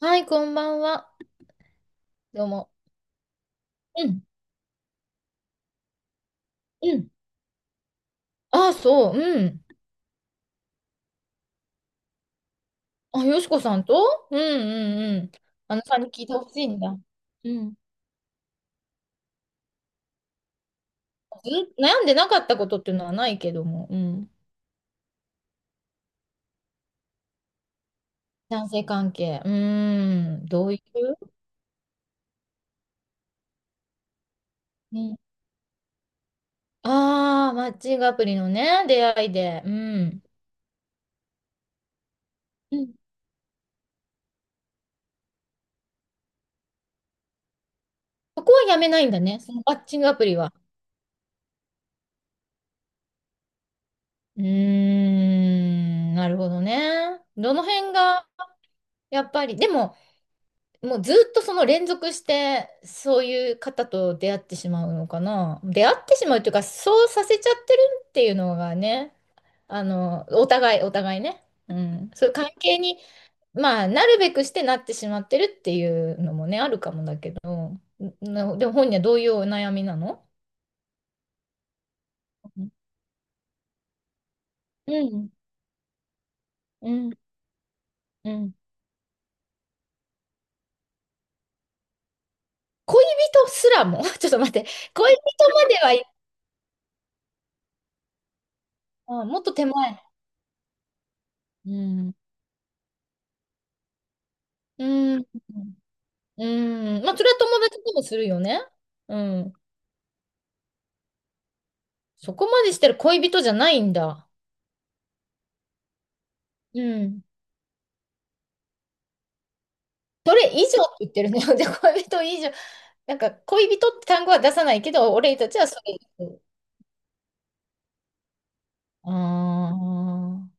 はい、こんばんは。どうも。うん、うん。あ、そう、うん。あ、よしこさんと、うん、うん、うん。あのさんに聞いてほしいんだ。うん。ず悩んでなかったことっていうのはないけども、うん。男性関係。うーん。どういう、うん、ああ、マッチングアプリのね、出会いで。うん。うん。そこはやめないんだね、そのマッチングアプリは。うーん、なるほどね。どの辺が、やっぱり、でも、もうずっとその連続してそういう方と出会ってしまうのかな。出会ってしまうというか、そうさせちゃってるっていうのがね、あの、お互い、お互いね。うん。そういう関係に、まあ、なるべくしてなってしまってるっていうのもね、あるかもだけど、でも本人はどういうお悩みなの？うん、うん、うん。恋人すらも、ちょっと待って、恋人まで、はい、あ、もっと手前。うん。うん。うん。まあ、それは友達でもするよね。うん。そこまでしてる恋人じゃないんだ。うん。それ以上って言ってるね。で、恋人以上。なんか、恋人って単語は出さないけど、俺たちはそれ以上。ああ。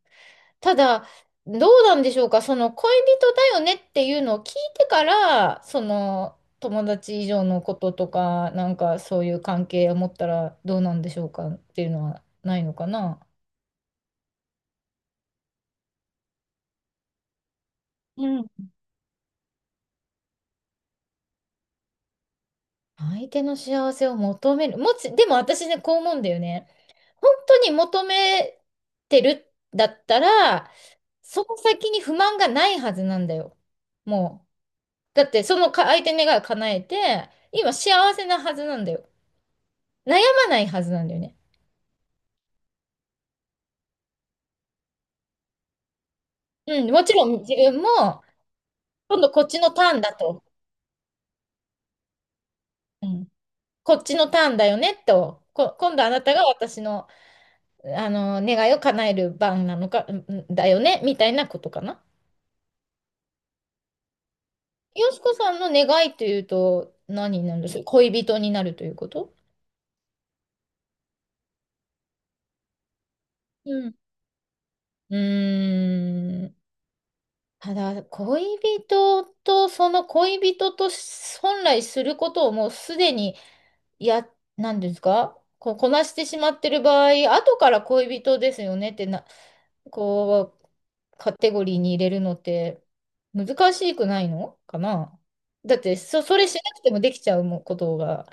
ただ、どうなんでしょうか。その恋人だよねっていうのを聞いてから、その友達以上のこととか、なんかそういう関係を持ったらどうなんでしょうかっていうのはないのかな。相手の幸せを求める。でも私ね、こう思うんだよね。本当に求めてるんだったら、その先に不満がないはずなんだよ。もう。だって、その相手の願いを叶えて、今幸せなはずなんだよ。悩まないはずなんだよね。うん、もちろん自分も、今度こっちのターンだと。うん、こっちのターンだよねと。今度あなたが私の、あの願いを叶える番なのか、うんだよね、みたいなことかな。よしこさんの願いというと、何になるんですか？恋人になるということ？うん。うーん。ただ、恋人と、その恋人と本来することをもうすでに、や、なんですか、こう、こなしてしまってる場合、後から恋人ですよねってな、こう、カテゴリーに入れるのって難しくないのかな？だって、それしなくてもできちゃうもことが、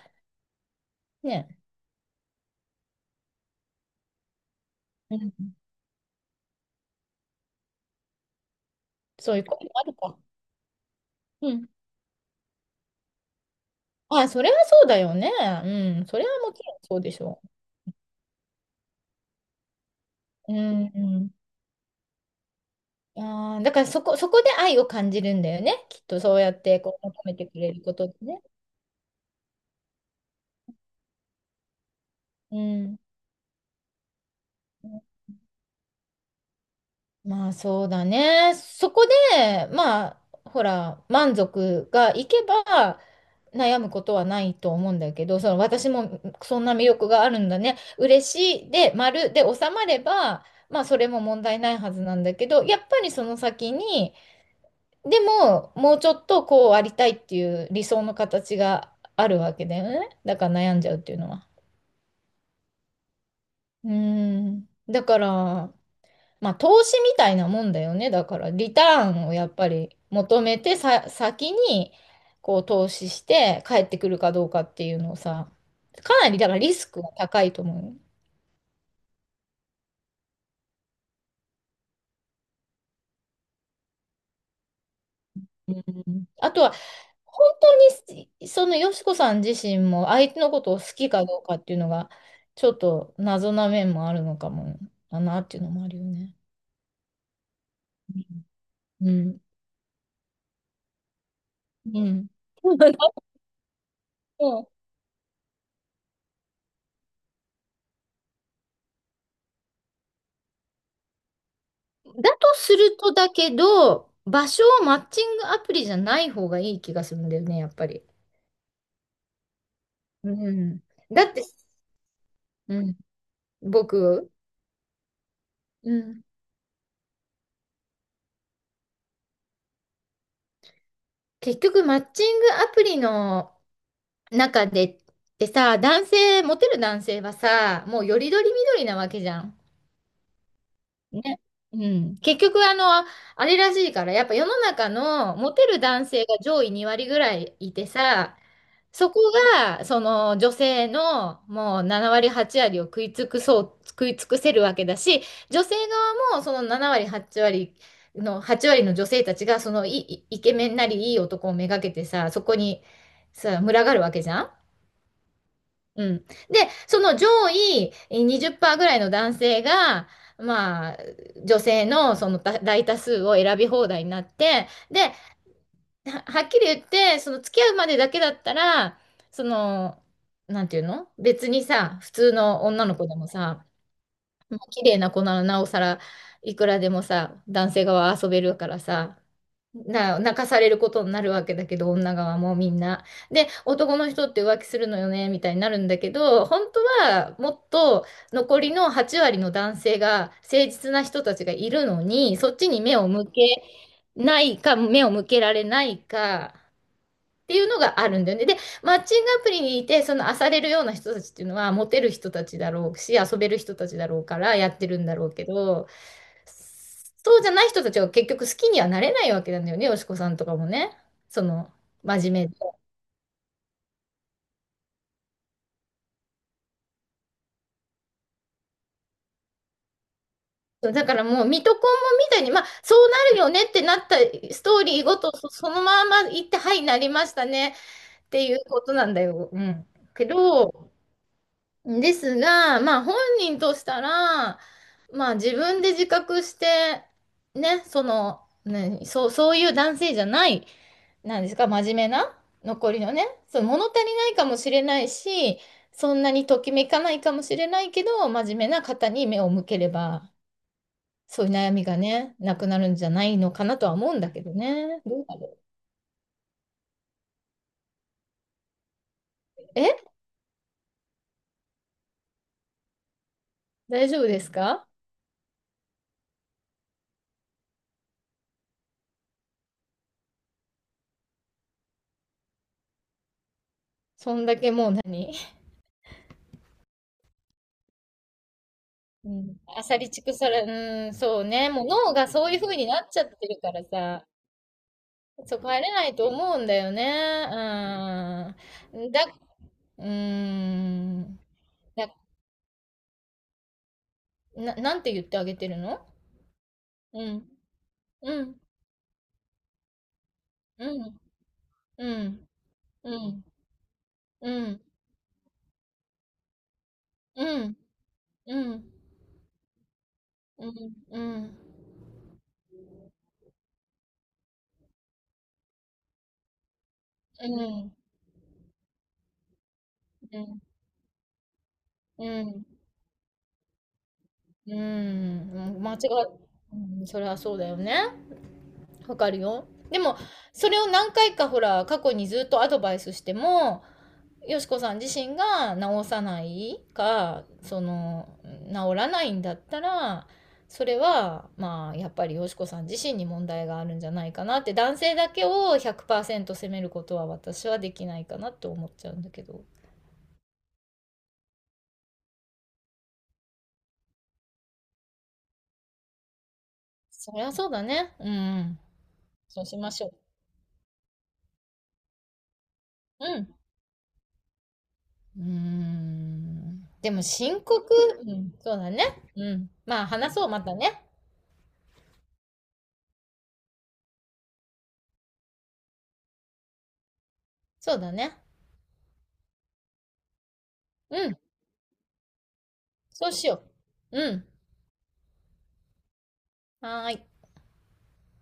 ね。うん、そういうこともあるか。うん。あ、それはそうだよね。うん。それはもちろんそうでしょう。うん。うん。だからそこで愛を感じるんだよね。きっとそうやってこう求めてくれることでね。うん。まあそうだね。そこで、まあ、ほら、満足がいけば悩むことはないと思うんだけど、その私もそんな魅力があるんだね、嬉しいで、丸で収まれば、まあそれも問題ないはずなんだけど、やっぱりその先に、でも、もうちょっとこうありたいっていう理想の形があるわけだよね。だから悩んじゃうっていうのは。うーん。だから、まあ投資みたいなもんだよね。だから、リターンをやっぱり求めてさ、先にこう投資して帰ってくるかどうかっていうのをさ、かなりだからリスクが高いと思うよ。あとは本当にそのよしこさん自身も相手のことを好きかどうかっていうのがちょっと謎な面もあるのかもだなっていうのもあるよね。うん。うん。だとだとするとだけど、場所をマッチングアプリじゃない方がいい気がするんだよね、やっぱり。うん。だって、うん、僕、うん、結局マッチングアプリの中で、でさ、モテる男性はさ、もうよりどりみどりなわけじゃん。ね。うん。結局、あの、あれらしいから、やっぱ世の中のモテる男性が上位2割ぐらいいてさ、そこが、その女性のもう7割8割を食い尽くせるわけだし、女性側もその7割8割の、8割の女性たちが、そのイイケメンなりいい男をめがけてさ、そこにさ、群がるわけじゃん。うん。で、その上位20%ぐらいの男性が、まあ、女性のその大大多数を選び放題になって、で、はっきり言って、その付き合うまでだけだったら、その、なんていうの、別にさ、普通の女の子でもさ、まあ綺麗な子ならなおさら、いくらでもさ、男性側は遊べるからさ、泣かされることになるわけだけど、女側もみんな。で、男の人って浮気するのよね、みたいになるんだけど、本当はもっと残りの8割の男性が誠実な人たちがいるのに、そっちに目を向けないか、目を向けられないか。っていうのがあるんだよね。で、マッチングアプリにいて、その漁れるような人たちっていうのは、モテる人たちだろうし、遊べる人たちだろうからやってるんだろうけど、そうじゃない人たちは結局好きにはなれないわけなんだよね、よしこさんとかもね。その、真面目で。そうだからもう、水戸黄門みたいに、まあ、そうなるよねってなったストーリーごと、そのまま行って、はい、なりましたねっていうことなんだよ。うん。けど、ですが、まあ本人としたら、まあ自分で自覚して、ね、その、ね、そういう男性じゃない、なんですか、真面目な、残りのね、その物足りないかもしれないし、そんなにときめかないかもしれないけど、真面目な方に目を向ければ、そういう悩みがね、なくなるんじゃないのかなとは思うんだけどね。どうだろう。大丈夫ですか？そんだけもう何？うん。アサリチクサラ、うん、そうね。もう脳がそういう風になっちゃってるからさ、そこ入れないと思うんだよね。うーん。うーん。だ、なんて言ってあげてるの？うん。うん。うん。うん。うん。うん。うん。うん。うん。うん。うん。うん。うん。うん。間違っうん、それはそうだよね。わかるよ。でも、それを何回かほら、過去にずっとアドバイスしても、よしこさん自身が治さないか、その、治らないんだったら、それは、まあ、やっぱりよしこさん自身に問題があるんじゃないかなって、男性だけを100%責めることは私はできないかなって思っちゃうんだけど。そりゃそうだね。うん、うん。そうしましょう。うん。うーん。でも深刻、うん、そうだね。うん。まあ話そう、またね。そうだね。うん。そうしよう。うん。はーい。